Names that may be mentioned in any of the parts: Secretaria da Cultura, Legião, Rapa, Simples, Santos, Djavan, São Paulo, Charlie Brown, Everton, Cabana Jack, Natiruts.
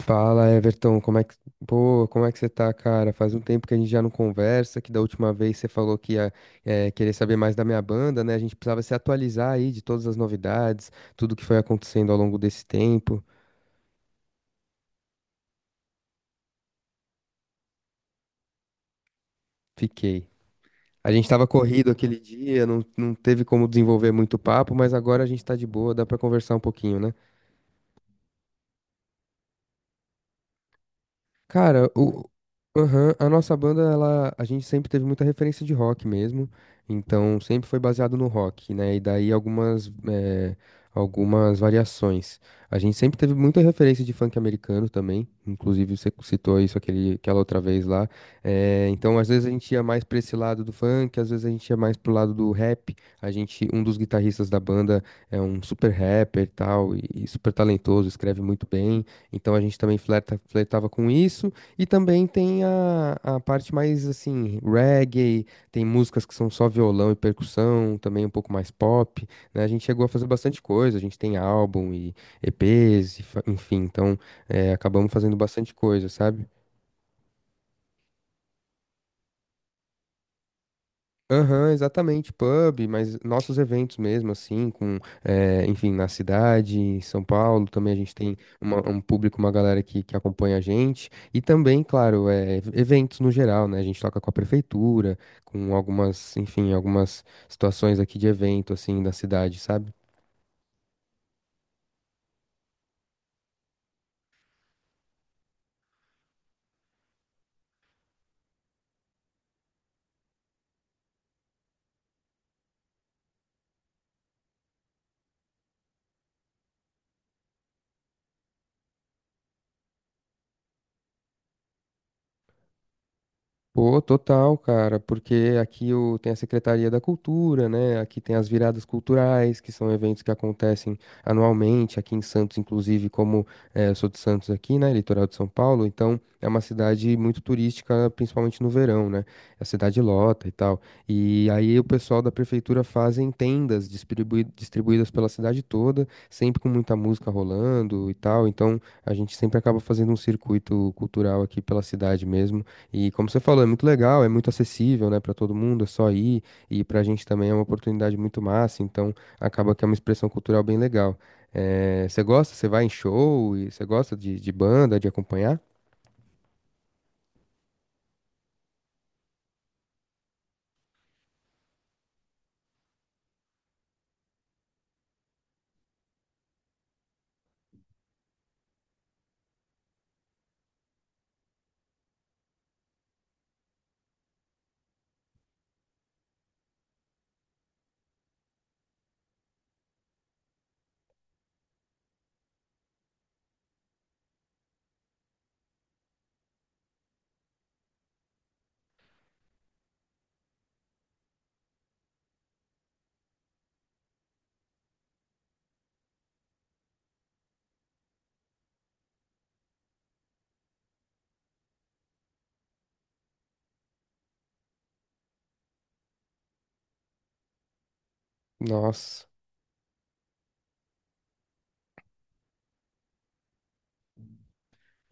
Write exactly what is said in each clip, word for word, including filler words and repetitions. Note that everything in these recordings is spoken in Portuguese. Fala, Everton, como é que, pô, como é que você tá, cara? Faz um tempo que a gente já não conversa, que da última vez você falou que ia, eh, querer saber mais da minha banda, né? A gente precisava se atualizar aí de todas as novidades, tudo que foi acontecendo ao longo desse tempo. Fiquei. A gente tava corrido aquele dia, não, não teve como desenvolver muito papo, mas agora a gente tá de boa, dá pra conversar um pouquinho, né? Cara, o, aham, a nossa banda, ela, a gente sempre teve muita referência de rock mesmo, então sempre foi baseado no rock, né? E daí algumas, eh, algumas variações. A gente sempre teve muita referência de funk americano também, inclusive você citou isso aquele, aquela outra vez lá. Eh, então, às vezes a gente ia mais pra esse lado do funk, às vezes a gente ia mais pro lado do rap. A gente, um dos guitarristas da banda é um super rapper e tal, e e super talentoso, escreve muito bem. Então a gente também flerta, flertava com isso. E também tem a, a parte mais assim, reggae, tem músicas que são só violão e percussão, também um pouco mais pop, né? A gente chegou a fazer bastante coisa, a gente tem álbum e EPs, e fa- enfim, então é, acabamos fazendo bastante coisa, sabe? Aham, exatamente, pub, mas nossos eventos mesmo, assim, com, eh, enfim, na cidade, em São Paulo, também a gente tem uma- um público, uma galera que, que acompanha a gente, e também, claro, eh, eventos no geral, né, a gente toca com a prefeitura, com algumas, enfim, algumas situações aqui de evento, assim, da cidade, sabe? Pô, total, cara, porque aqui o, tem a Secretaria da Cultura, né? Aqui tem as viradas culturais, que são eventos que acontecem anualmente, aqui em Santos, inclusive, como eh, eu sou de Santos aqui, né? Litoral de São Paulo, então é uma cidade muito turística, principalmente no verão, né? A cidade lota e tal. E aí o pessoal da prefeitura fazem tendas distribui- distribuídas pela cidade toda, sempre com muita música rolando e tal. Então a gente sempre acaba fazendo um circuito cultural aqui pela cidade mesmo. E como você falou, é muito legal, é muito acessível, né, para todo mundo, é só ir, e pra gente também é uma oportunidade muito massa, então acaba que é uma expressão cultural bem legal. Eh, você gosta, você vai em show, e você gosta de, de banda, de acompanhar? Nossa,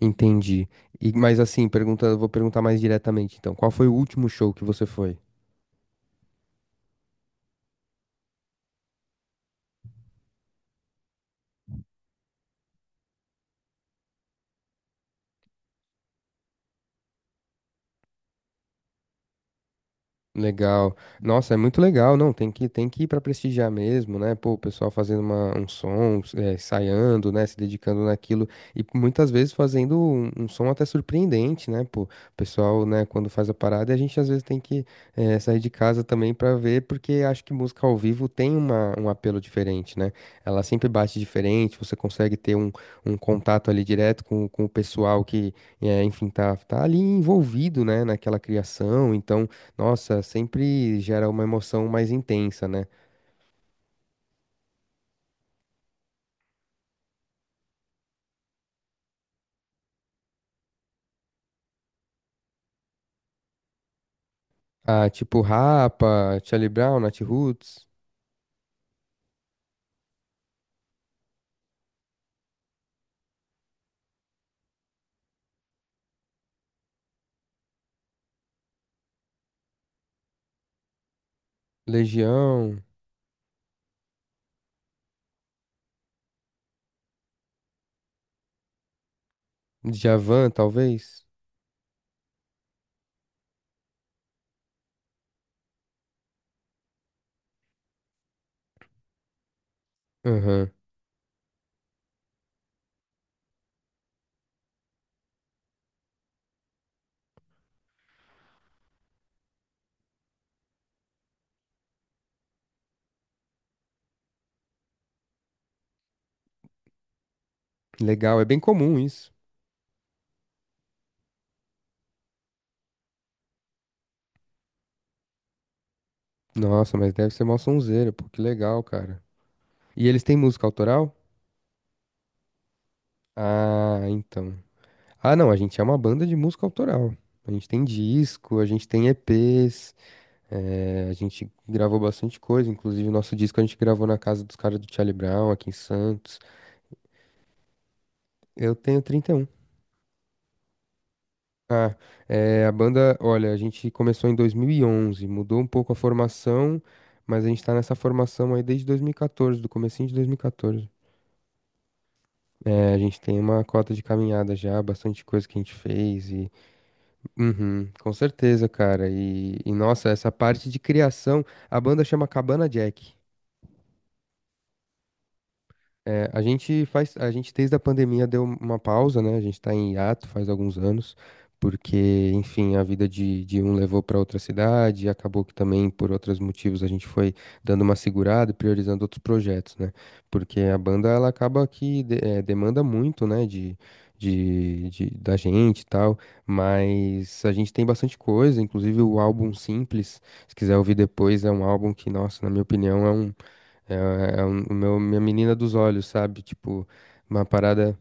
entendi. E, mas assim, pergunta, vou perguntar mais diretamente, então, qual foi o último show que você foi? Legal. Nossa, é muito legal, não, tem que, tem que ir para prestigiar mesmo, né? Pô, o pessoal fazendo uma, um som, é, ensaiando, né? Se dedicando naquilo e muitas vezes fazendo um, um som até surpreendente, né? Pô, o pessoal, né, quando faz a parada, a gente às vezes tem que é, sair de casa também para ver, porque acho que música ao vivo tem uma, um apelo diferente, né? Ela sempre bate diferente, você consegue ter um, um contato ali direto com, com o pessoal que, é, enfim, tá, tá ali envolvido, né, naquela criação, então. Nossa, sempre gera uma emoção mais intensa, né? Ah, tipo Rapa, Charlie Brown, Natiruts, Legião, Djavan, talvez. Aham. Legal, é bem comum isso. Nossa, mas deve ser mó sonzeira, pô, que legal, cara. E eles têm música autoral? Ah, então. Ah, não, a gente é uma banda de música autoral. A gente tem disco, a gente tem E Pês, eh, a gente gravou bastante coisa, inclusive o nosso disco a gente gravou na casa dos caras do Charlie Brown, aqui em Santos. Eu tenho trinta e um. Ah, é, a banda, olha, a gente começou em dois mil e onze, mudou um pouco a formação, mas a gente tá nessa formação aí desde dois mil e quatorze, do comecinho de dois mil e quatorze. É, a gente tem uma cota de caminhada já, bastante coisa que a gente fez e... Uhum, com certeza, cara. E, e, nossa, essa parte de criação, a banda chama Cabana Jack. É, a gente faz, a gente desde a pandemia deu uma pausa, né? A gente tá em hiato faz alguns anos, porque, enfim, a vida de, de um levou para outra cidade, e acabou que também por outros motivos a gente foi dando uma segurada e priorizando outros projetos, né? Porque a banda ela acaba que de- eh, demanda muito, né? De, de, de- da gente e tal, mas a gente tem bastante coisa, inclusive o álbum Simples, se quiser ouvir depois, é um álbum que, nossa, na minha opinião, é um é, é é um, o meu, minha menina dos olhos, sabe? Tipo, uma parada.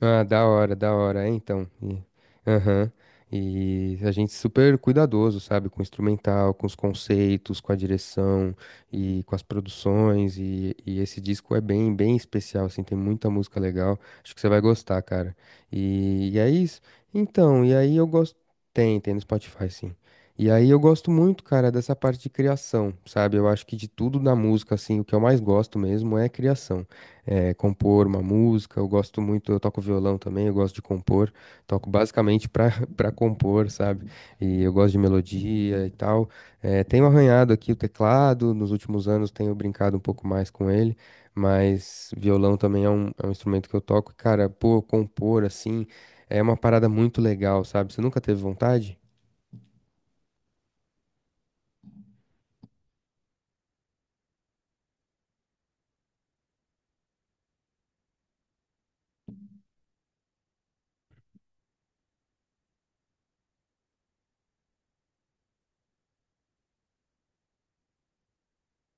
Ah, da hora, da hora. É, então. E, aham. E a gente super cuidadoso, sabe? Com o instrumental, com os conceitos, com a direção e com as produções. E, e esse disco é bem, bem especial, assim. Tem muita música legal. Acho que você vai gostar, cara. E, e é isso. Então, e aí eu gosto. Tem, tem no Spotify, sim. E aí eu gosto muito, cara, dessa parte de criação, sabe? Eu acho que de tudo na música, assim, o que eu mais gosto mesmo é a criação eh, compor uma música. Eu gosto muito, eu toco violão também, eu gosto de compor. Toco basicamente para para compor, sabe? E eu gosto de melodia e tal. Eh, tenho arranhado aqui o teclado, nos últimos anos tenho brincado um pouco mais com ele, mas violão também é um, é um instrumento que eu toco. E, Cara, pô, compor assim é uma parada muito legal, sabe? Você nunca teve vontade?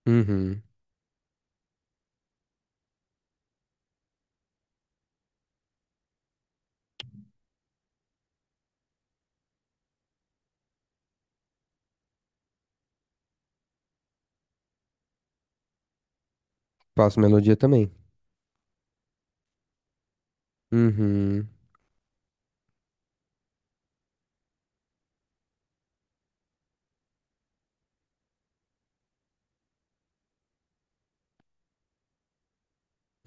Uhum. Faço melodia também. Uhum.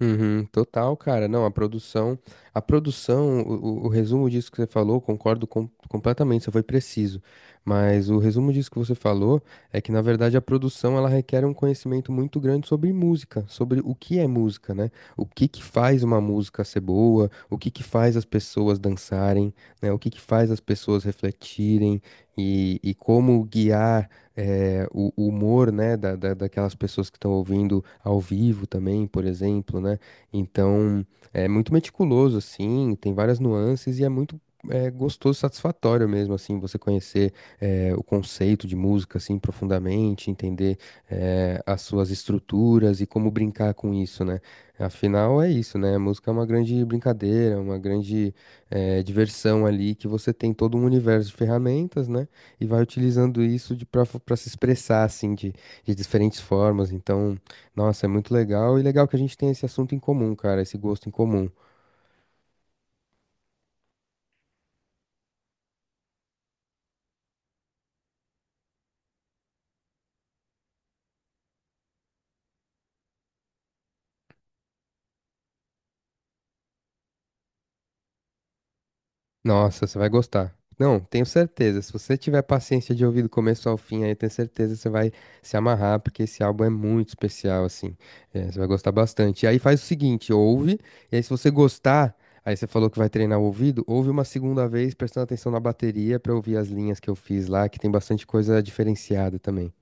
Uhum, total, cara. Não, a produção, a produção, o, o- o resumo disso que você falou, concordo com- completamente, você foi preciso. Mas o resumo disso que você falou é que, na verdade, a produção ela requer um conhecimento muito grande sobre música, sobre o que é música, né? O que que faz uma música ser boa, o que que faz as pessoas dançarem, né? O que que faz as pessoas refletirem e, e como guiar eh, o, o humor, né, da, da- daquelas pessoas que estão ouvindo ao vivo também, por exemplo, né? Então, é muito meticuloso, assim, tem várias nuances e é muito é gostoso, satisfatório mesmo, assim, você conhecer eh, o conceito de música, assim, profundamente, entender eh, as suas estruturas e como brincar com isso, né? Afinal, é isso, né? A música é uma grande brincadeira, uma grande eh, diversão ali, que você tem todo um universo de ferramentas, né? E vai utilizando isso de para se expressar assim de, de diferentes formas. Então, nossa, é muito legal e legal que a gente tem esse assunto em comum, cara, esse gosto em comum. Nossa, você vai gostar. Não, tenho certeza. Se você tiver paciência de ouvir do começo ao fim, aí eu tenho certeza que você vai se amarrar, porque esse álbum é muito especial, assim. É, você vai gostar bastante. E aí faz o seguinte, ouve, e aí se você gostar, aí você falou que vai treinar o ouvido, ouve uma segunda vez prestando atenção na bateria pra ouvir as linhas que eu fiz lá, que tem bastante coisa diferenciada também.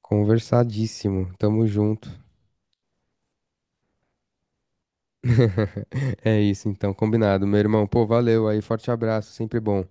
Conversadíssimo. Tamo junto. É isso, então, combinado. Meu irmão, pô, valeu aí. Forte abraço, sempre bom.